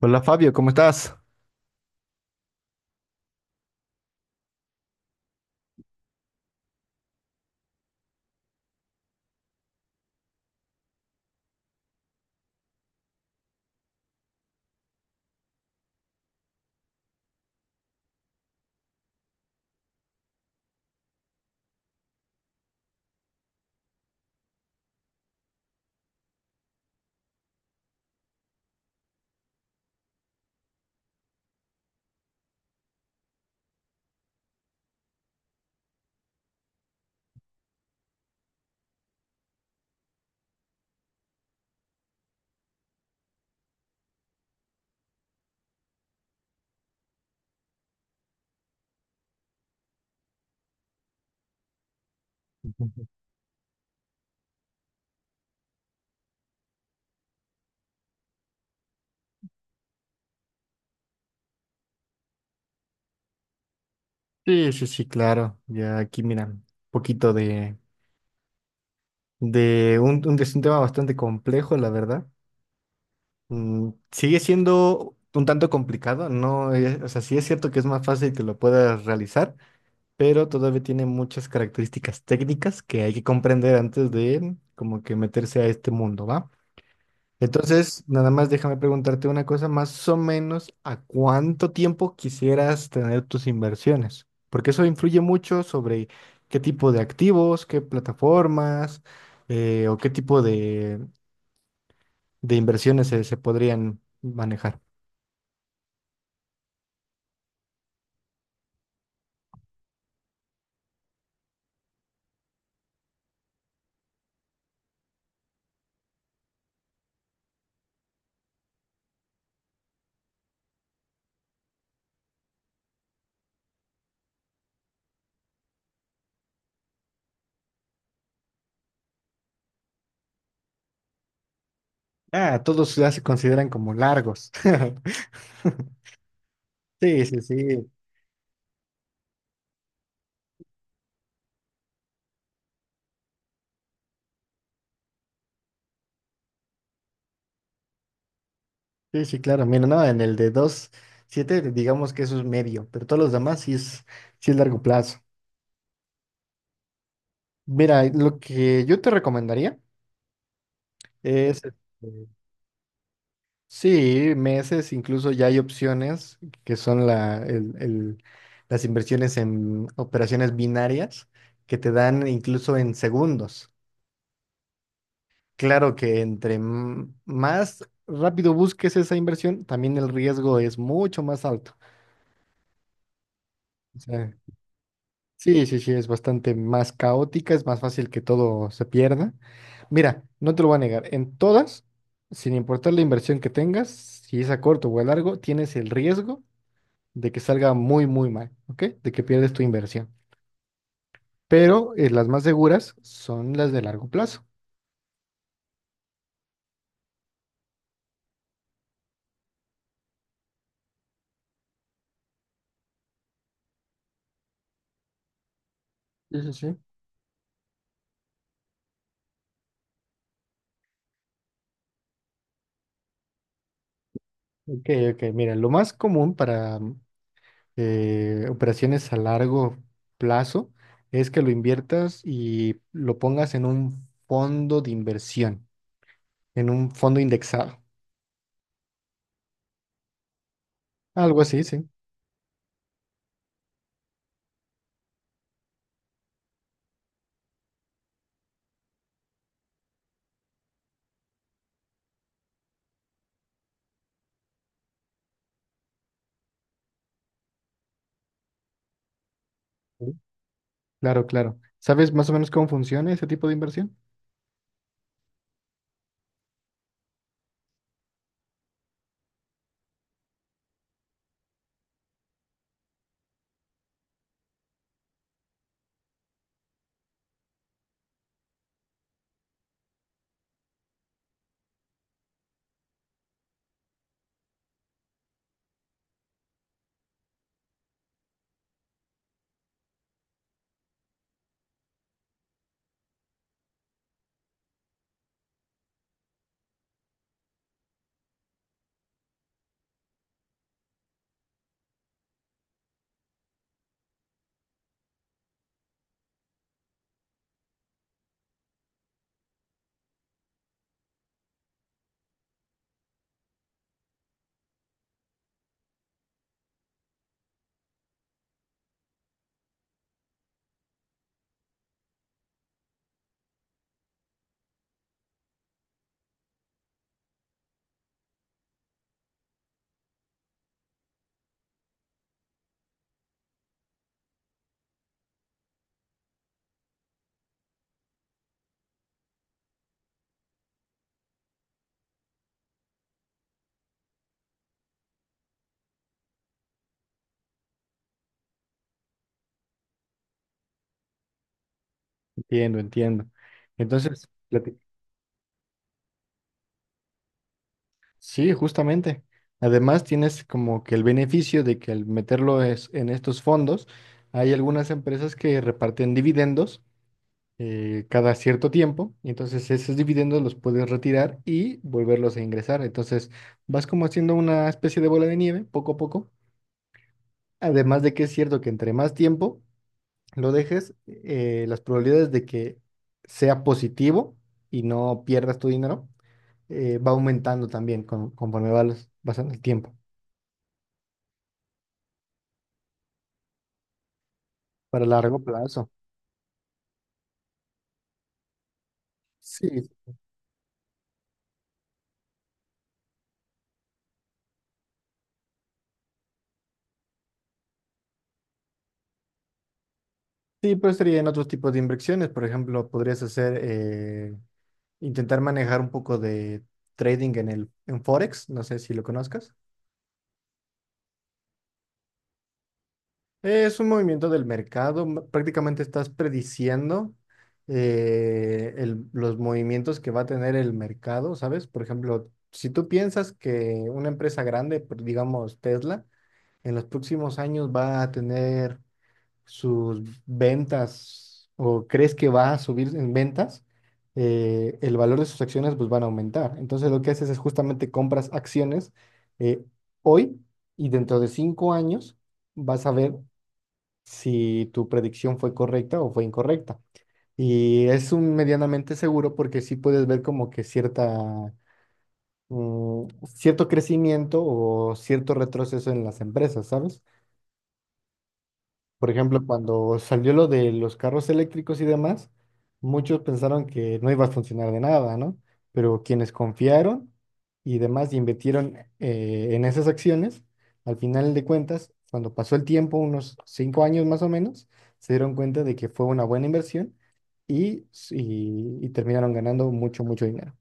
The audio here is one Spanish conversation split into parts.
Hola Fabio, ¿cómo estás? Sí, sí, sí, claro. Ya aquí, mira, un poquito de es un tema bastante complejo, la verdad. Sigue siendo un tanto complicado, no, o sea, sí es cierto que es más fácil que lo puedas realizar, pero todavía tiene muchas características técnicas que hay que comprender antes de como que meterse a este mundo, ¿va? Entonces, nada más déjame preguntarte una cosa, más o menos, ¿a cuánto tiempo quisieras tener tus inversiones? Porque eso influye mucho sobre qué tipo de activos, qué plataformas o qué tipo de inversiones se podrían manejar. Ah, todos ya se consideran como largos. Sí, sí, sí, sí, sí, claro. Mira, no, en el de dos siete, digamos que eso es medio, pero todos los demás sí es largo plazo. Mira, lo que yo te recomendaría es, este, sí, meses, incluso ya hay opciones que son las inversiones en operaciones binarias que te dan incluso en segundos. Claro que entre más rápido busques esa inversión, también el riesgo es mucho más alto. O sea, sí, sí, sí, es bastante más caótica, es más fácil que todo se pierda. Mira, no te lo voy a negar, en todas, sin importar la inversión que tengas, si es a corto o a largo, tienes el riesgo de que salga muy, muy mal, ¿ok? De que pierdes tu inversión. Pero las más seguras son las de largo plazo. Sí, sí, sí. Ok, ok, mira, lo más común para operaciones a largo plazo es que lo inviertas y lo pongas en un fondo de inversión, en un fondo indexado. Algo así, sí. Sí. Claro, claro. ¿Sabes más o menos cómo funciona ese tipo de inversión? Entiendo, entiendo. Entonces, plati- Sí, justamente. Además, tienes como que el beneficio de que al meterlo en estos fondos, hay algunas empresas que reparten dividendos cada cierto tiempo, y entonces esos dividendos los puedes retirar y volverlos a ingresar. Entonces, vas como haciendo una especie de bola de nieve poco a poco. Además de que es cierto que entre más tiempo lo dejes, las probabilidades de que sea positivo y no pierdas tu dinero va aumentando también conforme vas pasando el tiempo. Para largo plazo. Sí, sí, pero sería en otros tipos de inversiones. Por ejemplo, podrías hacer, intentar manejar un poco de trading en el, en Forex. No sé si lo conozcas. Es un movimiento del mercado. Prácticamente estás prediciendo los movimientos que va a tener el mercado, ¿sabes? Por ejemplo, si tú piensas que una empresa grande, digamos Tesla, en los próximos años va a tener sus ventas o crees que va a subir en ventas, el valor de sus acciones pues van a aumentar. Entonces lo que haces es justamente compras acciones eh, hoy y dentro de 5 años vas a ver si tu predicción fue correcta o fue incorrecta. Y es un medianamente seguro porque sí puedes ver como que cierta, cierto crecimiento o cierto retroceso en las empresas, ¿sabes? Por ejemplo, cuando salió lo de los carros eléctricos y demás, muchos pensaron que no iba a funcionar de nada, ¿no? Pero quienes confiaron y demás y invirtieron en esas acciones, al final de cuentas, cuando pasó el tiempo, unos 5 años más o menos, se dieron cuenta de que fue una buena inversión y, y terminaron ganando mucho, mucho dinero.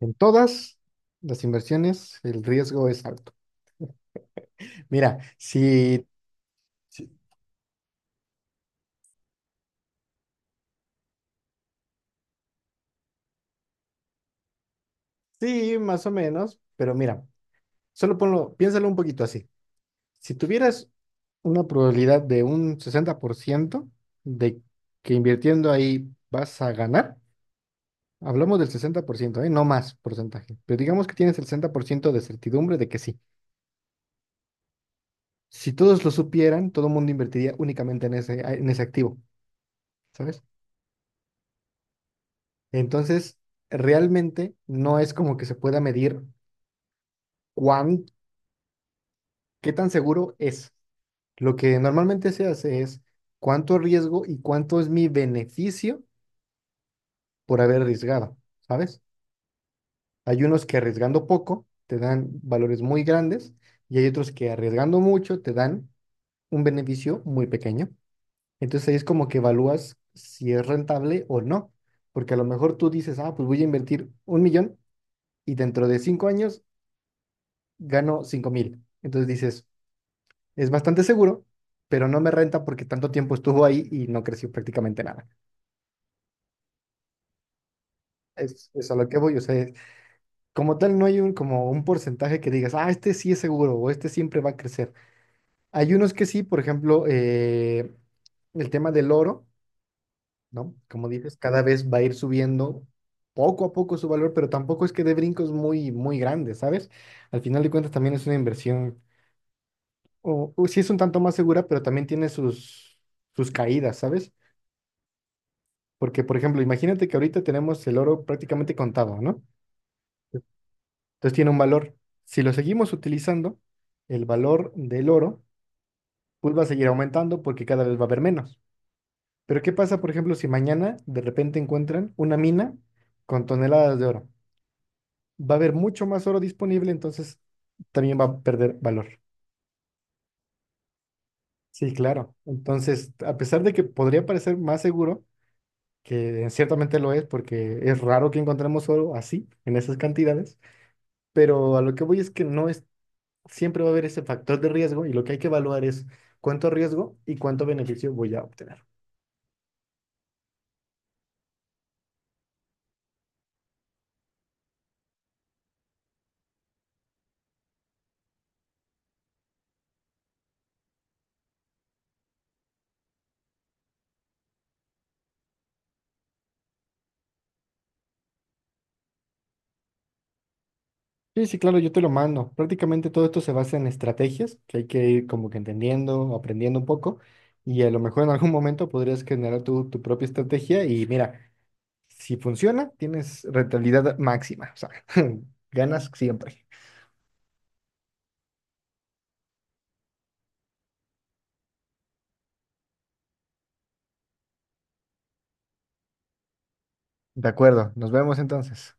En todas las inversiones, el riesgo es alto. Mira, si... Sí, sí, más o menos, pero mira. Solo ponlo, piénsalo un poquito así. Si tuvieras una probabilidad de un 60% de que invirtiendo ahí vas a ganar, hablamos del 60%, ¿eh? No más porcentaje, pero digamos que tienes el 60% de certidumbre de que sí. Si todos lo supieran, todo el mundo invertiría únicamente en ese activo, ¿sabes? Entonces, realmente no es como que se pueda medir cuán, qué tan seguro es. Lo que normalmente se hace es cuánto riesgo y cuánto es mi beneficio por haber arriesgado, ¿sabes? Hay unos que arriesgando poco te dan valores muy grandes y hay otros que arriesgando mucho te dan un beneficio muy pequeño. Entonces ahí es como que evalúas si es rentable o no, porque a lo mejor tú dices, ah, pues voy a invertir un millón y dentro de cinco años gano 5.000. Entonces dices, es bastante seguro, pero no me renta porque tanto tiempo estuvo ahí y no creció prácticamente nada. Es a lo que voy, o sea, como tal, no hay un, como un porcentaje que digas, ah, este sí es seguro o este siempre va a crecer. Hay unos que sí, por ejemplo, el tema del oro, ¿no? Como dices, cada vez va a ir subiendo poco a poco su valor, pero tampoco es que dé brincos muy, muy grandes, ¿sabes? Al final de cuentas también es una inversión, o sí es un tanto más segura, pero también tiene sus, sus caídas, ¿sabes? Porque, por ejemplo, imagínate que ahorita tenemos el oro prácticamente contado, ¿no? Entonces tiene un valor. Si lo seguimos utilizando, el valor del oro pues va a seguir aumentando porque cada vez va a haber menos. Pero ¿qué pasa, por ejemplo, si mañana de repente encuentran una mina con toneladas de oro? Va a haber mucho más oro disponible, entonces también va a perder valor. Sí, claro. Entonces, a pesar de que podría parecer más seguro, que ciertamente lo es, porque es raro que encontremos oro así, en esas cantidades, pero a lo que voy es que no es, siempre va a haber ese factor de riesgo y lo que hay que evaluar es cuánto riesgo y cuánto beneficio voy a obtener. Sí, sí, claro, yo te lo mando. Prácticamente todo esto se basa en estrategias que hay que ir como que entendiendo, aprendiendo un poco y a lo mejor en algún momento podrías generar tu, tu propia estrategia y mira, si funciona, tienes rentabilidad máxima, o sea, ganas siempre. De acuerdo, nos vemos entonces.